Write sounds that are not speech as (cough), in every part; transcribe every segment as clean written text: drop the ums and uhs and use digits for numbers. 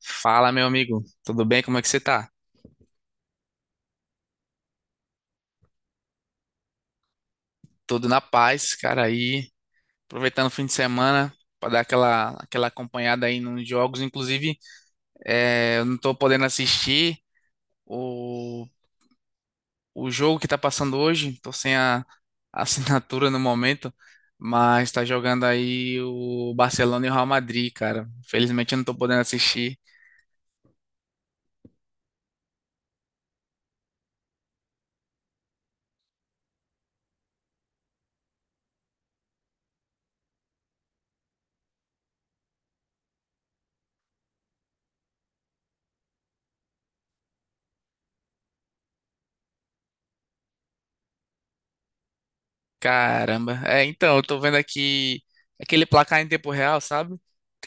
Fala, meu amigo. Tudo bem? Como é que você tá? Tudo na paz, cara. Aí, aproveitando o fim de semana para dar aquela acompanhada aí nos jogos. Inclusive, eu não tô podendo assistir o, o jogo que tá passando hoje. Tô sem (laughs) a assinatura no momento, mas tá jogando aí o Barcelona e o Real Madrid, cara. Felizmente eu não tô podendo assistir. Caramba. É, então, eu tô vendo aqui aquele placar em tempo real, sabe?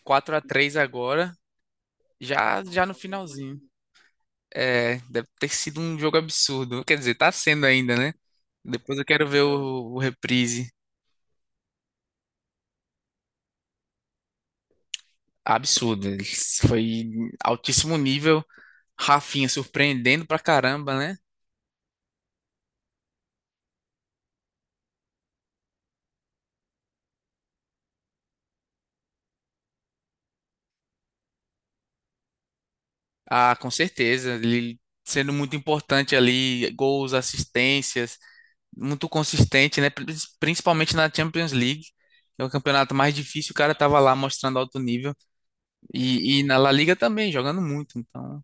Quatro a três agora. Já, já no finalzinho. É, deve ter sido um jogo absurdo. Quer dizer, tá sendo ainda, né? Depois eu quero ver o reprise. Absurdo. Foi altíssimo nível. Rafinha surpreendendo pra caramba, né? Ah, com certeza. Ele sendo muito importante ali, gols, assistências, muito consistente, né? Principalmente na Champions League. É o campeonato mais difícil, o cara tava lá mostrando alto nível. E na La Liga também, jogando muito. Então,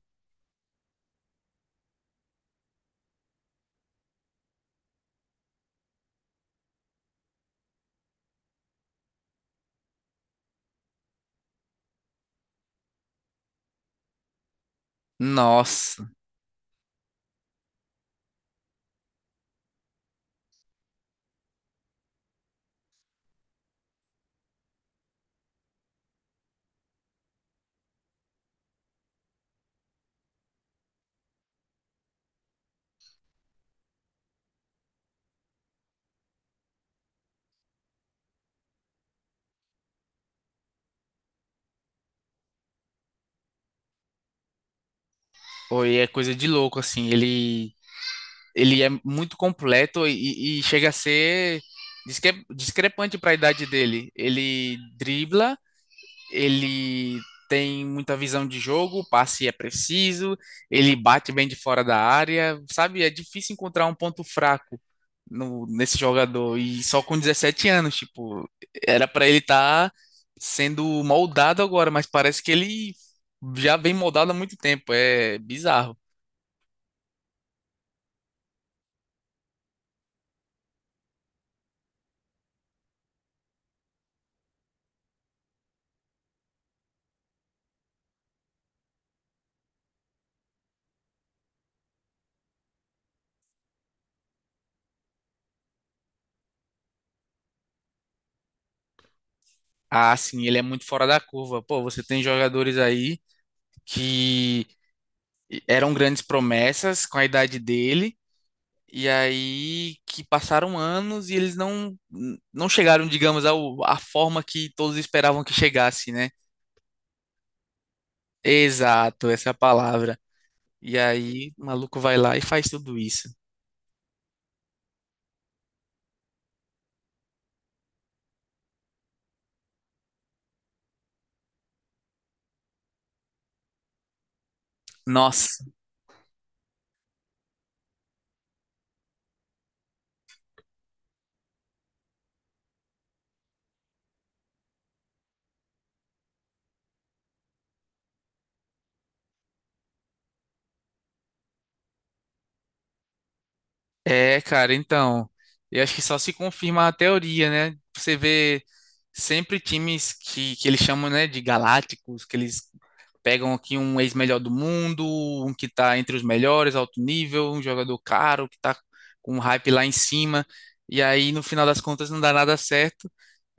nossa. Oi, é coisa de louco, assim. Ele é muito completo e chega a ser discrepante para a idade dele. Ele dribla, ele tem muita visão de jogo, o passe é preciso, ele bate bem de fora da área, sabe? É difícil encontrar um ponto fraco nesse jogador. E só com 17 anos, tipo, era para ele estar sendo moldado agora, mas parece que ele já vem moldado há muito tempo. É bizarro. Ah, sim, ele é muito fora da curva. Pô, você tem jogadores aí que eram grandes promessas com a idade dele, e aí que passaram anos e eles não chegaram, digamos, à forma que todos esperavam que chegasse, né? Exato, essa é a palavra. E aí o maluco vai lá e faz tudo isso. Nossa, é, cara, então, eu acho que só se confirma a teoria, né? Você vê sempre times que eles chamam, né, de galácticos, que eles pegam aqui um ex-melhor do mundo, um que está entre os melhores, alto nível, um jogador caro, que está com um hype lá em cima. E aí, no final das contas, não dá nada certo.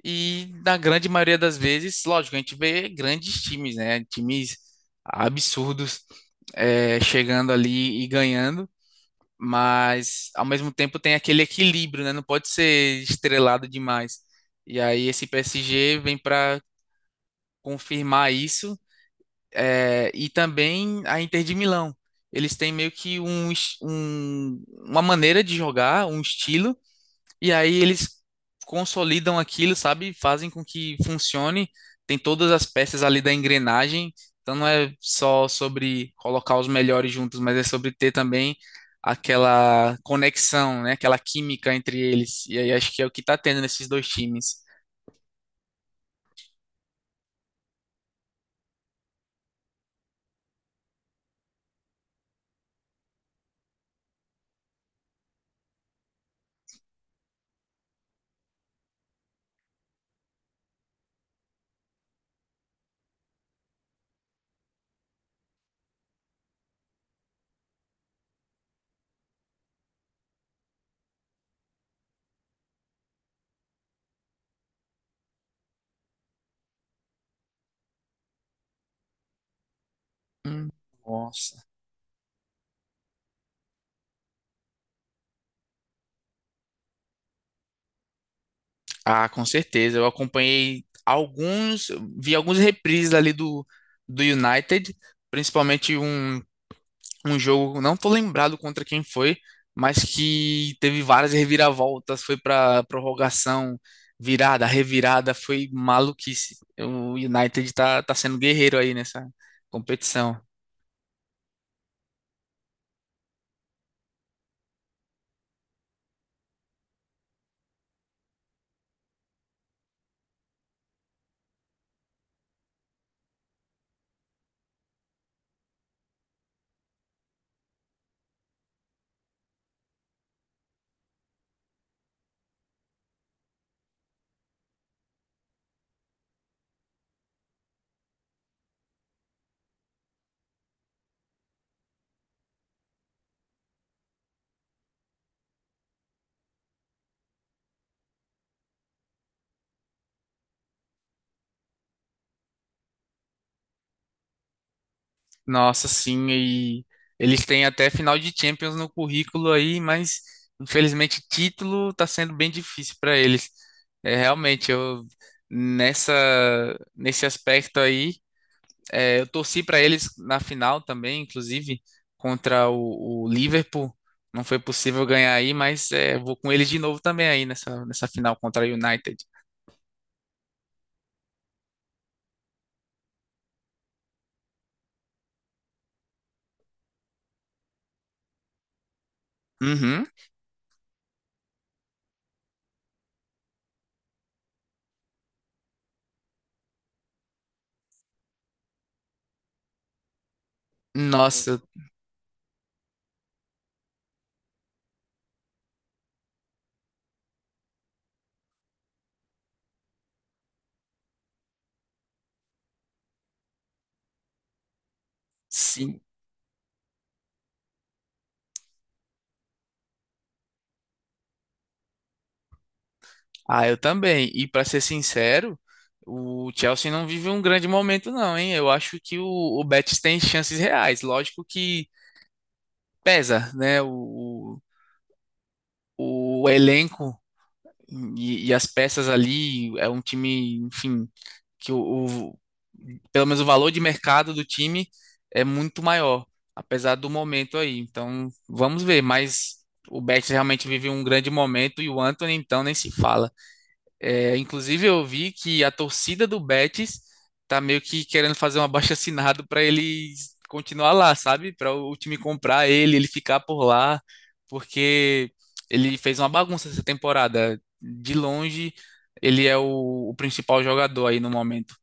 E na grande maioria das vezes, lógico, a gente vê grandes times, né? Times absurdos chegando ali e ganhando, mas ao mesmo tempo tem aquele equilíbrio, né? Não pode ser estrelado demais. E aí esse PSG vem para confirmar isso, e também a Inter de Milão. Eles têm meio que uma maneira de jogar, um estilo, e aí eles consolidam aquilo, sabe? Fazem com que funcione. Tem todas as peças ali da engrenagem. Então não é só sobre colocar os melhores juntos, mas é sobre ter também aquela conexão, né? Aquela química entre eles. E aí acho que é o que tá tendo nesses dois times. Hum. Nossa. Ah, com certeza. Eu acompanhei alguns, vi alguns reprises ali do United, principalmente um, um jogo, não tô lembrado contra quem foi, mas que teve várias reviravoltas, foi para prorrogação, virada, revirada, foi maluquice. Tá sendo guerreiro aí nessa competição. Nossa, sim, e eles têm até final de Champions no currículo aí, mas infelizmente título tá sendo bem difícil para eles. É, realmente, eu nessa nesse aspecto aí, é, eu torci para eles na final também, inclusive contra o Liverpool. Não foi possível ganhar aí, mas é, vou com eles de novo também aí nessa final contra a United. Uhum. Nossa, sim. Ah, eu também. E para ser sincero, o Chelsea não vive um grande momento, não, hein? Eu acho que o Betis tem chances reais. Lógico que pesa, né? O elenco e as peças ali é um time, enfim, que o, o- pelo menos o valor de mercado do time é muito maior, apesar do momento aí. Então, vamos ver. Mas o Betis realmente vive um grande momento e o Antony, então, nem se fala. É, inclusive, eu vi que a torcida do Betis tá meio que querendo fazer um abaixo-assinado para ele continuar lá, sabe? Para o time comprar ele, ele ficar por lá, porque ele fez uma bagunça essa temporada. De longe, ele é o principal jogador aí no momento.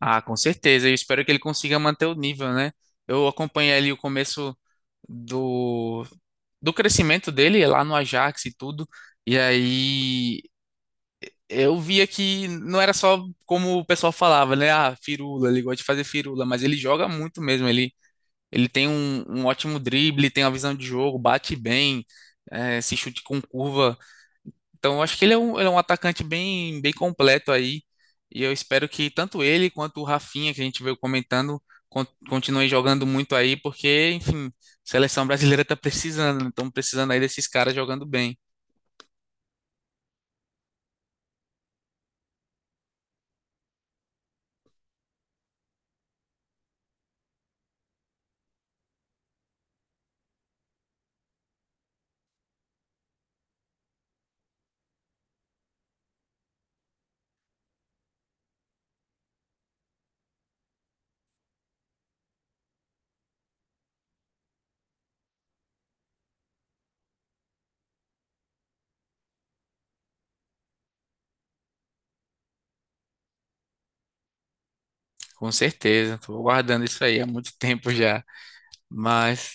Ah, com certeza. Eu espero que ele consiga manter o nível, né? Eu acompanhei ali o começo do do crescimento dele lá no Ajax e tudo. E aí eu via que não era só como o pessoal falava, né? Ah, firula, ele gosta de fazer firula, mas ele joga muito mesmo. Ele tem um ótimo drible, tem uma visão de jogo, bate bem, se chute com curva. Então, eu acho que ele é um atacante bem, bem completo aí. E eu espero que tanto ele quanto o Rafinha, que a gente veio comentando, continuem jogando muito aí, porque, enfim, a seleção brasileira tá precisando, né? Estamos precisando aí desses caras jogando bem. Com certeza, estou aguardando isso aí há muito tempo já. Mas,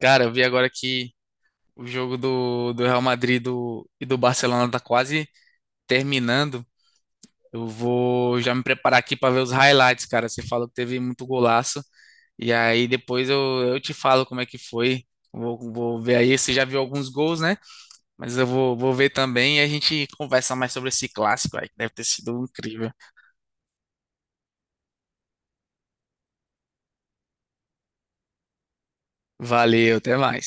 cara, eu vi agora que o jogo do Real Madrid e do Barcelona tá quase terminando. Eu vou já me preparar aqui para ver os highlights, cara. Você falou que teve muito golaço. E aí depois eu te falo como é que foi. Vou ver aí. Você já viu alguns gols, né? Mas eu vou ver também e a gente conversa mais sobre esse clássico aí, que deve ter sido incrível. Valeu, até mais.